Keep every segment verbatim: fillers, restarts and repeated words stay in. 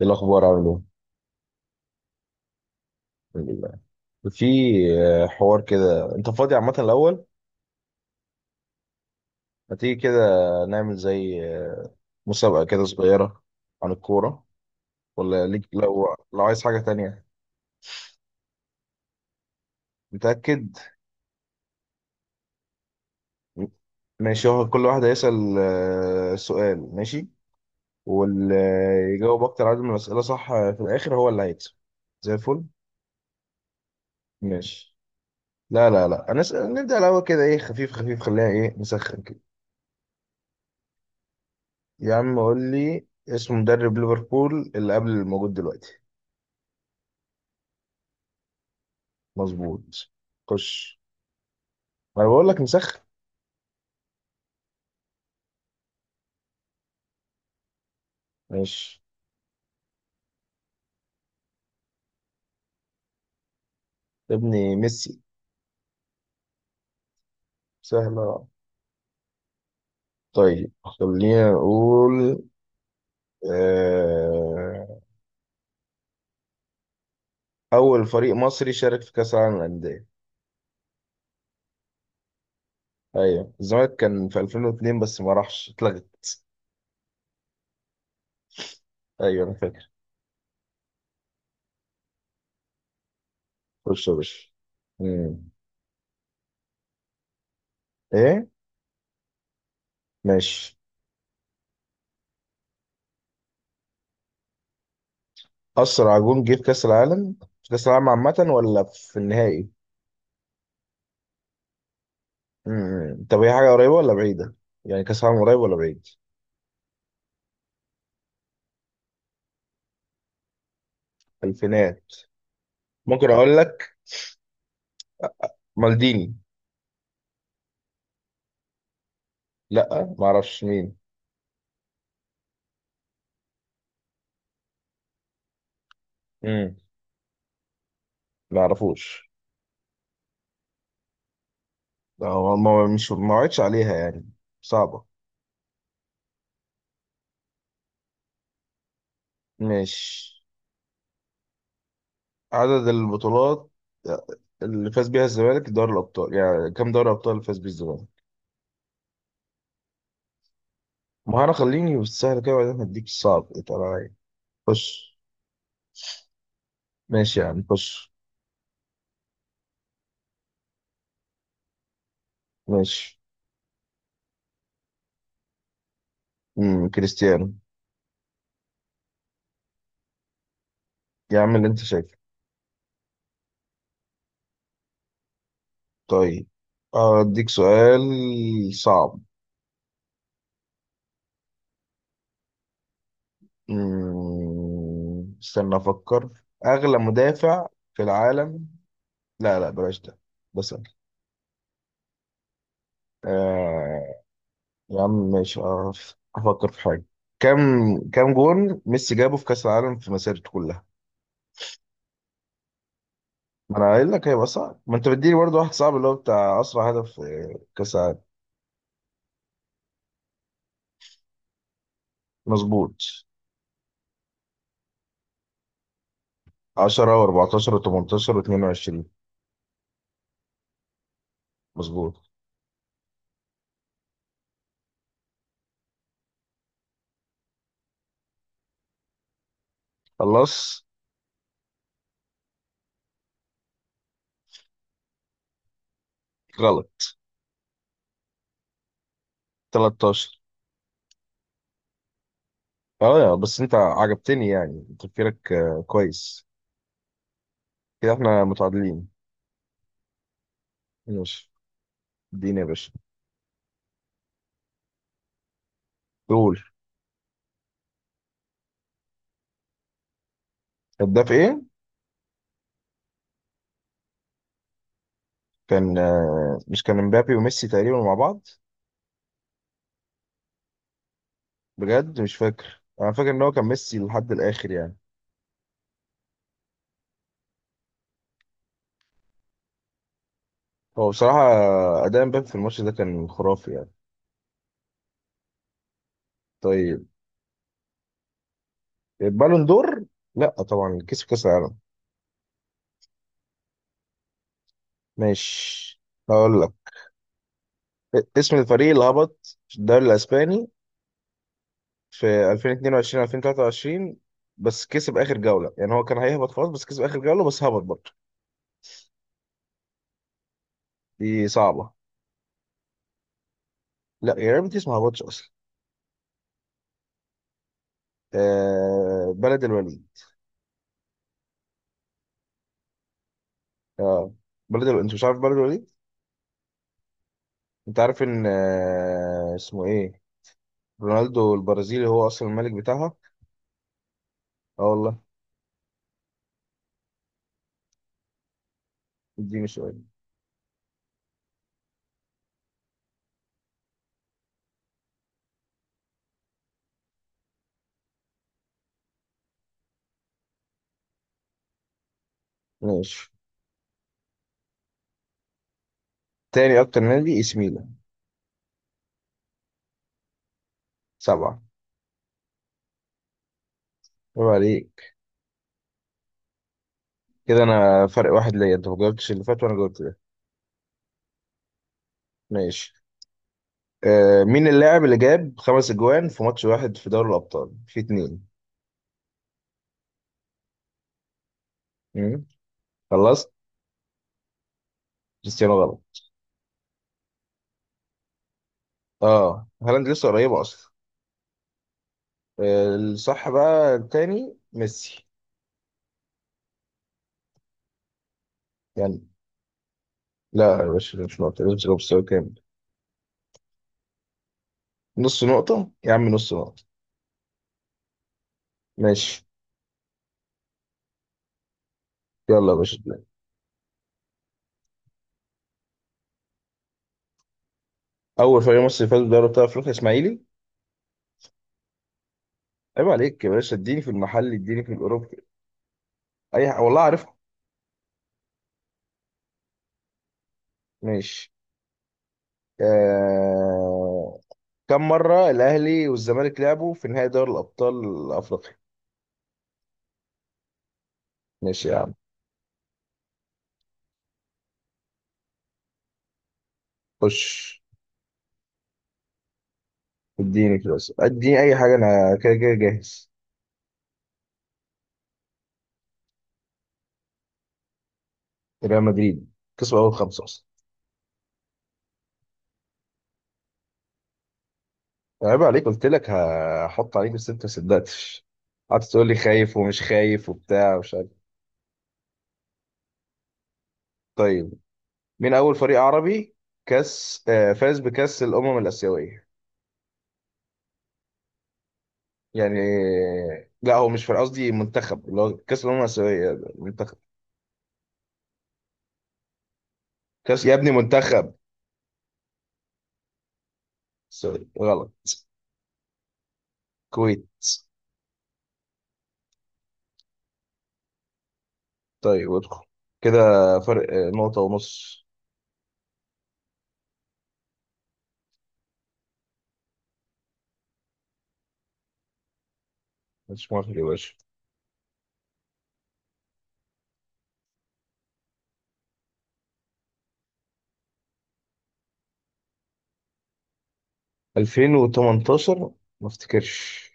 ايه الاخبار؟ عامل ايه؟ الحمد لله. في آه، حوار كده، انت فاضي عامه الاول؟ ما تيجي كده نعمل زي آه، مسابقه كده صغيره عن الكوره، ولا ليك لو لو عايز حاجه تانية؟ متاكد؟ ماشي، هو كل واحد هيسال آه، سؤال، ماشي؟ واللي يجاوب اكتر عدد من الاسئله، صح؟ آه، في الاخر هو اللي هيكسب. زي الفل. ماشي. لا لا لا، هنسأل نبدا الاول كده ايه خفيف خفيف، خليها ايه نسخن كده. يا عم قول لي اسم مدرب ليفربول اللي قبل الموجود دلوقتي. مظبوط. خش. انا بقول لك نسخن. ماشي. يا ابني ميسي. سهلة. طيب خلينا نقول آه... أول فريق مصري شارك في كأس العالم للأندية. أيوة الزمالك كان في ألفين واتنين بس ما راحش، اتلغت. أيوة أنا فاكر. خش يا باشا. مم. إيه؟ ماشي. أسرع جون جه في كأس العالم؟ في كأس العالم عامة ولا في النهائي؟ امم طب هي حاجة قريبة ولا بعيدة؟ يعني كأس عالم قريب ولا بعيد؟ الفينات. ممكن أقول لك مالديني. لأ معرفش مين. امم معرفوش. هو ما مش ما وعدش عليها يعني. صعبة. مش عدد البطولات اللي فاز بيها الزمالك دوري الأبطال، يعني كام دوري أبطال فاز بيه الزمالك؟ ما أنا خليني بالسهل كده وبعدين هديك الصعب اتقل عليا. خش. ماشي يا عم خش. ماشي. امم كريستيانو. يا عم اللي أنت شايفه. طيب أديك سؤال صعب. مم، استنى أفكر. أغلى مدافع في العالم. لا لا بلاش ده، ده سهل. آه يا عم ماشي أعرف أفكر في حاجة. كم كم جون ميسي جابه في كأس العالم في مسيرته كلها؟ ما أنا قايل لك هيبقى صعب، ما أنت بتديني برضه واحد صعب اللي هو بتاع أسرع هدف في كأس العالم. مظبوط. عشرة و14 و18 و22. مظبوط. خلاص. غلط. تلتاشر. اه بس انت عجبتني يعني تفكيرك آه، كويس. كده احنا متعادلين. ماشي. اديني يا باشا. دول. هداف ايه؟ كان آه، مش كان مبابي وميسي تقريبا مع بعض. بجد مش فاكر، انا فاكر ان هو كان ميسي لحد الاخر يعني. هو بصراحة آه، اداء مبابي في الماتش ده كان خرافي يعني. طيب. البالون دور. لا طبعا كسب كاس العالم. ماشي. هقول لك اسم الفريق اللي هبط في الدوري الاسباني في ألفين واتنين وعشرين ألفين وتلاتة وعشرين، بس كسب اخر جوله يعني. هو كان هيهبط خلاص بس كسب اخر جوله بس هبط برضه. دي صعبه. لا يا ريت، دي ما هبطش اصلا. آه بلد الوليد. اه بلد الوليد، انت مش عارف بلد الوليد؟ انت عارف ان آه اسمه ايه رونالدو البرازيلي هو اصلا الملك بتاعها. اه والله. اديني شويه. ماشي. تاني اكتر نادي اي سي ميلان، سبعه. عيب عليك. كده انا فرق واحد ليا، انت ما جاوبتش اللي فات وانا جاوبت ده. ماشي. آه، مين اللاعب اللي جاب خمس اجوان في ماتش واحد في دوري الابطال في اتنين؟ مم. خلصت. كريستيانو غلط. اه هالاند لسه قريبه اصلا. آه، الصح بقى التاني ميسي. يعني لا يا باشا، ده مش نقطة مش نقطة، مستوى كامل. نص نقطة يا عم، نص نقطة. ماشي. يلا يا باشا. أول فريق مصري فاز بدوري أبطال أفريقيا إسماعيلي. عيب عليك يا باشا، اديني في المحل اديني في الأوروبي. أي ح- والله عارفها. ماشي. آه... كم مرة الأهلي والزمالك لعبوا في نهائي دوري الأبطال الأفريقي؟ ماشي يا عم خش. اديني كده بس. اديني أي حاجة، أنا كده كده جاهز. ريال مدريد كسبوا أول خمسة أصلا. عيب عليك، قلت لك هحط عليك بس أنت ما صدقتش. قعدت تقول لي خايف ومش خايف وبتاع ومش عارف. طيب مين أول فريق عربي كاس آه، فاز بكاس الأمم الآسيوية؟ يعني لا، هو مش فريق، قصدي منتخب، اللي هو كاس الأمم الآسيوية ده، منتخب. كاس يا ابني، منتخب. سوري غلط. كويت. طيب ادخل. كده فرق آه، نقطة ونص. مش مؤاخذة يا باشا. ألفين وتمنتاشر. ما افتكرش.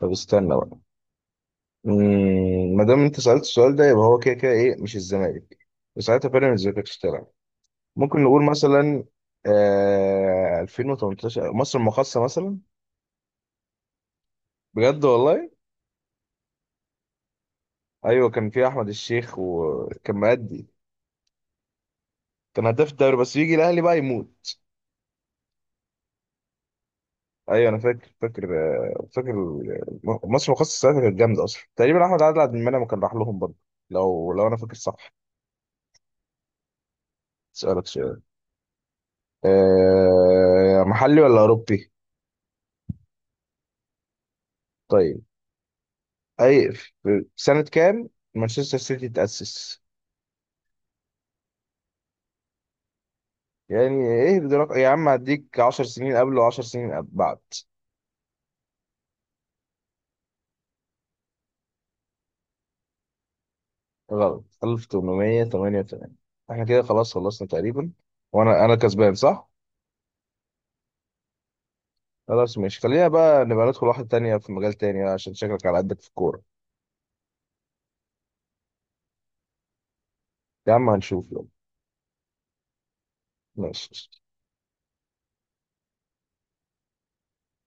طب استنى بقى. مم، ما دام انت سألت السؤال ده يبقى هو كده كده ايه مش الزمالك، وساعتها بيراميدز ما كانتش تلعب. ممكن نقول مثلا آه ألفين وتمنتاشر مصر المقاصة مثلا. بجد والله. ايوه كان في احمد الشيخ وكان مأدي. كان هداف الدوري بس يجي الاهلي بقى يموت. ايوه انا فاكر فاكر آه، فاكر م- مصر مخصص ساعتها كانت جامده اصلا، تقريبا احمد عادل عبد المنعم كان راح لهم برضه. لو لو انا فاكر صح. اسالك سؤال. أه محلي ولا اوروبي؟ طيب. اي. في سنه كام مانشستر سيتي تاسس؟ يعني ايه بدرجة يا عم، هديك 10 سنين قبل و10 سنين قبل- بعد. غلط. ألف وتمنمية وتمنية وتمانين. احنا كده خلاص خلصنا تقريبا. وانا انا كسبان صح. خلاص ماشي، خلينا بقى نبقى ندخل واحدة تانية في مجال تاني بقى، عشان شكلك على قدك في الكورة. يا عم هنشوف يلا. ماشي.